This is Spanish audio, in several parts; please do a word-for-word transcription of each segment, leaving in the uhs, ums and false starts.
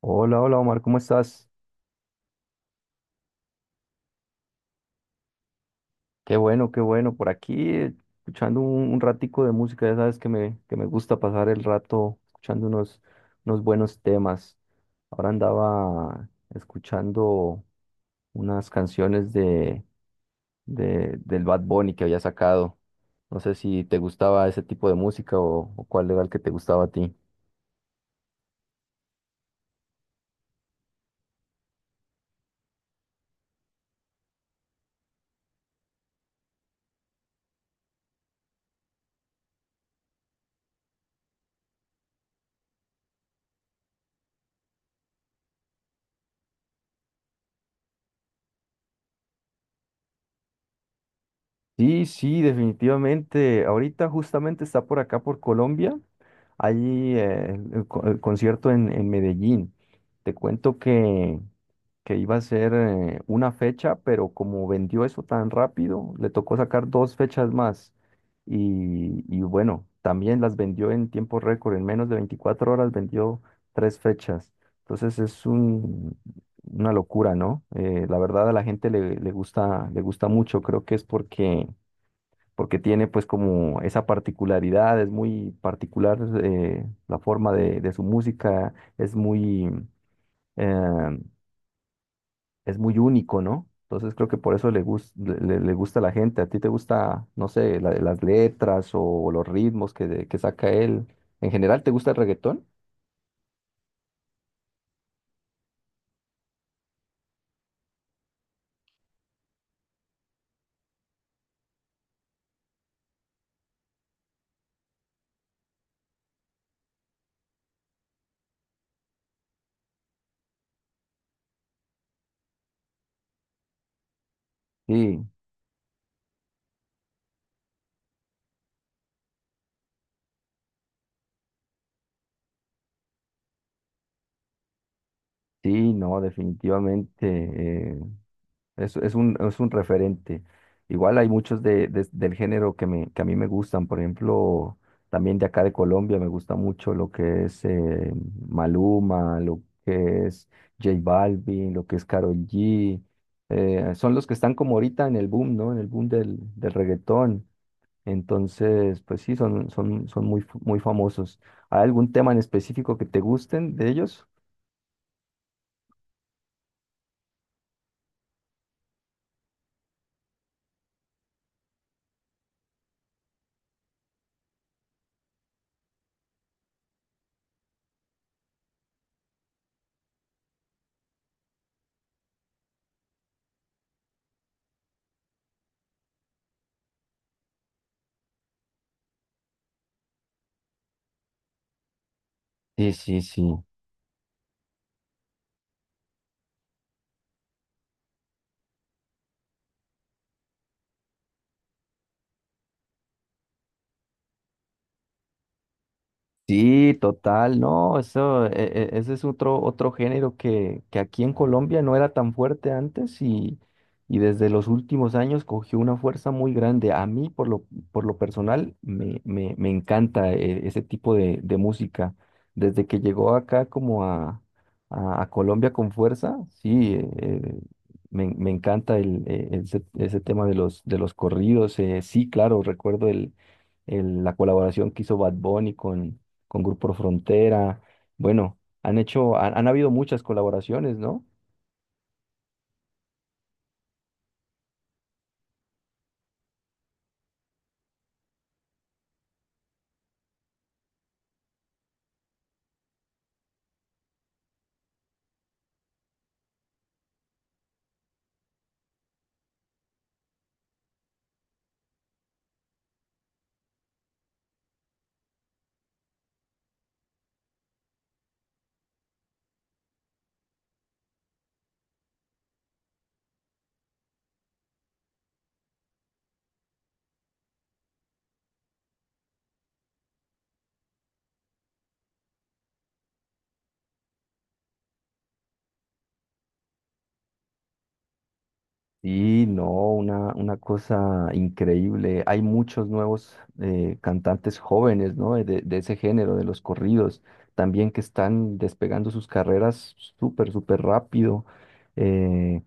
Hola, hola Omar, ¿cómo estás? Qué bueno, qué bueno. Por aquí eh, escuchando un, un ratico de música, ya sabes que me, que me gusta pasar el rato escuchando unos, unos buenos temas. Ahora andaba escuchando unas canciones de, de, del Bad Bunny que había sacado. No sé si te gustaba ese tipo de música o, o cuál era el que te gustaba a ti. Sí, sí, definitivamente. Ahorita justamente está por acá, por Colombia. Allí eh, el, co- el concierto en, en Medellín. Te cuento que, que iba a ser eh, una fecha, pero como vendió eso tan rápido, le tocó sacar dos fechas más. Y, y bueno, también las vendió en tiempo récord. En menos de veinticuatro horas vendió tres fechas. Entonces es un, una locura, ¿no? Eh, la verdad a la gente le, le gusta, le gusta mucho. Creo que es porque porque tiene pues como esa particularidad, es muy particular eh, la forma de, de su música, es muy, eh, es muy único, ¿no? Entonces creo que por eso le, gus- le, le- le gusta a la gente. ¿A ti te gusta, no sé, la- las letras o los ritmos que, de- que saca él? ¿En general te gusta el reggaetón? Sí, sí, no, definitivamente. eh, Es, es un, es un referente. Igual hay muchos de, de- del género que, me, que a mí me gustan. Por ejemplo, también de acá de Colombia me gusta mucho lo que es eh, Maluma, lo que es J Balvin, lo que es Karol G. Eh, son los que están como ahorita en el boom, ¿no? En el boom del, del reggaetón. Entonces, pues sí, son, son, son muy, f- muy famosos. ¿Hay algún tema en específico que te gusten de ellos? Sí, sí, sí. Sí, total, no, eso, e- e- ese es otro, otro género que, que aquí en Colombia no era tan fuerte antes y, y desde los últimos años cogió una fuerza muy grande. A mí, por lo, Por lo personal, me, me, me encanta eh, ese tipo de, de música. Desde que llegó acá como a, a, a Colombia con fuerza, sí, eh, eh, me, me encanta el, eh, ese, ese tema de los, de los corridos. Eh, sí, claro, recuerdo el el- la colaboración que hizo Bad Bunny con, con Grupo Frontera. Bueno, han hecho, han, han habido muchas colaboraciones, ¿no? Y no, una, una cosa increíble. Hay muchos nuevos eh, cantantes jóvenes, ¿no? De, de ese género, de los corridos, también que están despegando sus carreras súper, súper rápido. Eh,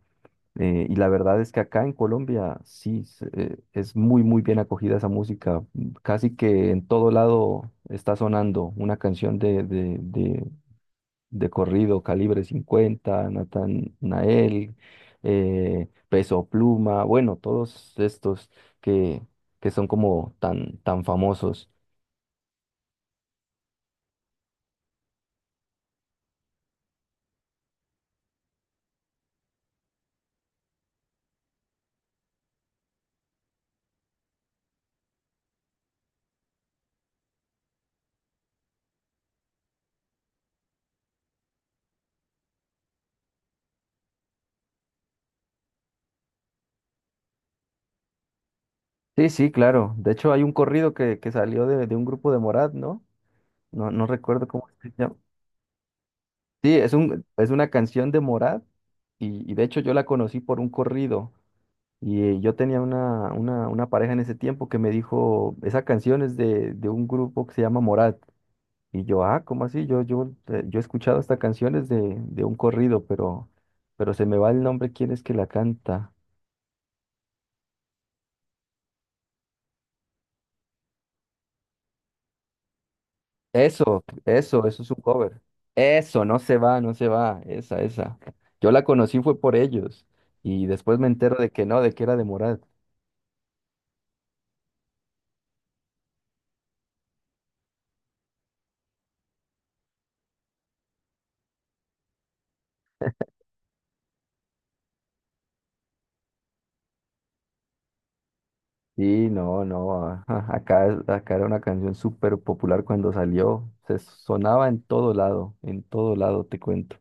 eh, y la verdad es que acá en Colombia sí se- eh, es muy, muy bien acogida esa música. Casi que en todo lado está sonando una canción de, de, de corrido, Calibre cincuenta Nathan Nael, eh, Peso Pluma, bueno, todos estos que, que son como tan, tan famosos. Sí, sí, claro. De hecho, hay un corrido que, que salió de, de un grupo de Morat, ¿no? No, no recuerdo cómo se llama. Sí, es un, es una canción de Morat y, y de hecho yo la conocí por un corrido. Y eh, yo tenía una, una, una pareja en ese tiempo que me dijo, esa canción es de, de un grupo que se llama Morat. Y yo, ah, ¿cómo así? Yo, yo, eh, yo he escuchado esta canción es de, de un corrido, pero, pero se me va el nombre, ¿quién es que la canta? Eso, eso, eso es un cover. Eso, no se va, no se va, esa, esa. Yo la conocí fue por ellos y después me entero de que no, de que era de Morat. Sí, no, no, ajá, acá, acá era una canción súper popular cuando salió, se sonaba en todo lado, en todo lado, te cuento.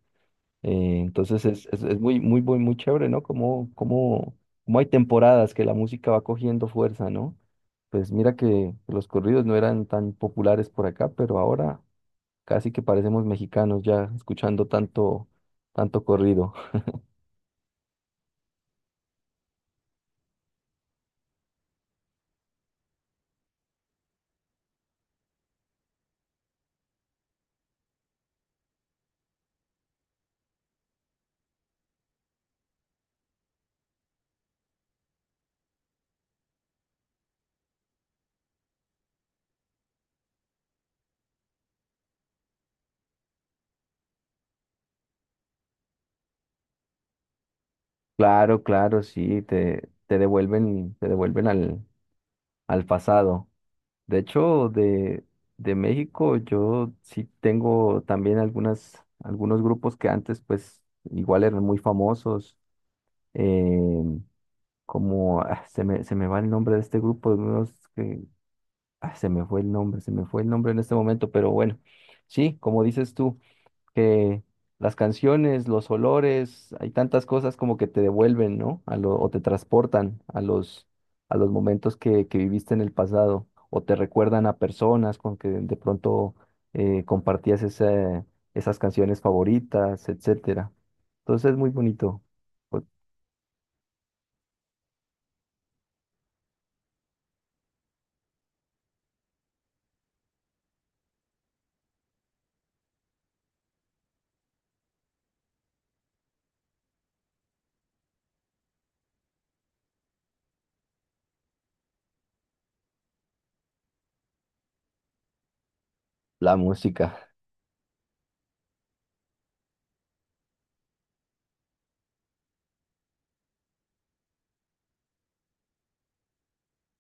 Eh, entonces es, es, es muy, muy, muy, muy chévere, ¿no? Como, como, como hay temporadas que la música va cogiendo fuerza, ¿no? Pues mira que los corridos no eran tan populares por acá, pero ahora casi que parecemos mexicanos ya escuchando tanto, tanto corrido. Claro, claro, sí, te, te devuelven, te devuelven al, al pasado. De hecho, de, de México yo sí tengo también algunas, algunos grupos que antes pues igual eran muy famosos em, como ah, se me, se me va el nombre de este grupo de unos que ah, se me fue el nombre, se me fue el nombre en este momento, pero bueno, sí, como dices tú, que las canciones, los olores, hay tantas cosas como que te devuelven, ¿no? A lo, o te transportan a los, a los momentos que, que viviste en el pasado, o te recuerdan a personas con que de pronto eh, compartías ese- esas canciones favoritas, etcétera. Entonces es muy bonito pues, la música.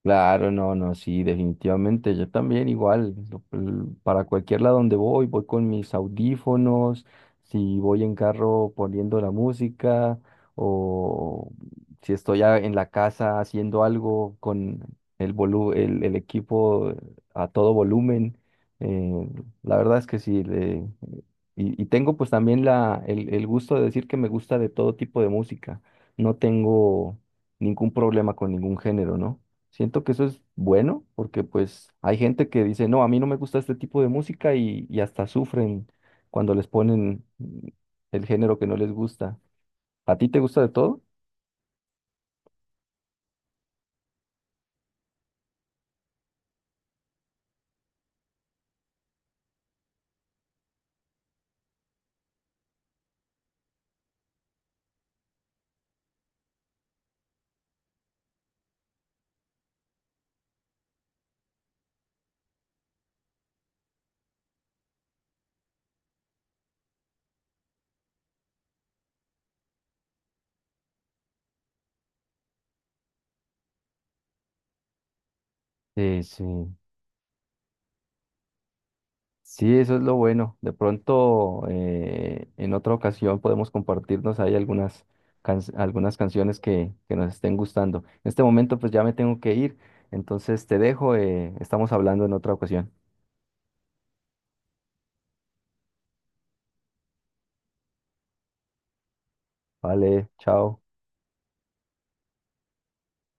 Claro, no, no, sí, definitivamente. Yo también igual, lo- l- para cualquier lado donde voy, voy con mis audífonos, si voy en carro poniendo la música o si estoy a- en la casa haciendo algo con el volu- el, el equipo a todo volumen. eh, la verdad es que sí, le- y, y tengo pues también la, el, el gusto de decir que me gusta de todo tipo de música. No tengo ningún problema con ningún género, ¿no? Siento que eso es bueno porque pues hay gente que dice, no, a mí no me gusta este tipo de música y, y hasta sufren cuando les ponen mm, el género que no les gusta. ¿A ti te gusta de todo? Sí, sí. Sí, eso es lo bueno. De pronto, eh, en otra ocasión podemos compartirnos ahí algunas, can- algunas canciones que, que nos estén gustando. En este momento pues ya me tengo que ir, entonces te dejo, eh, estamos hablando en otra ocasión. Vale, chao.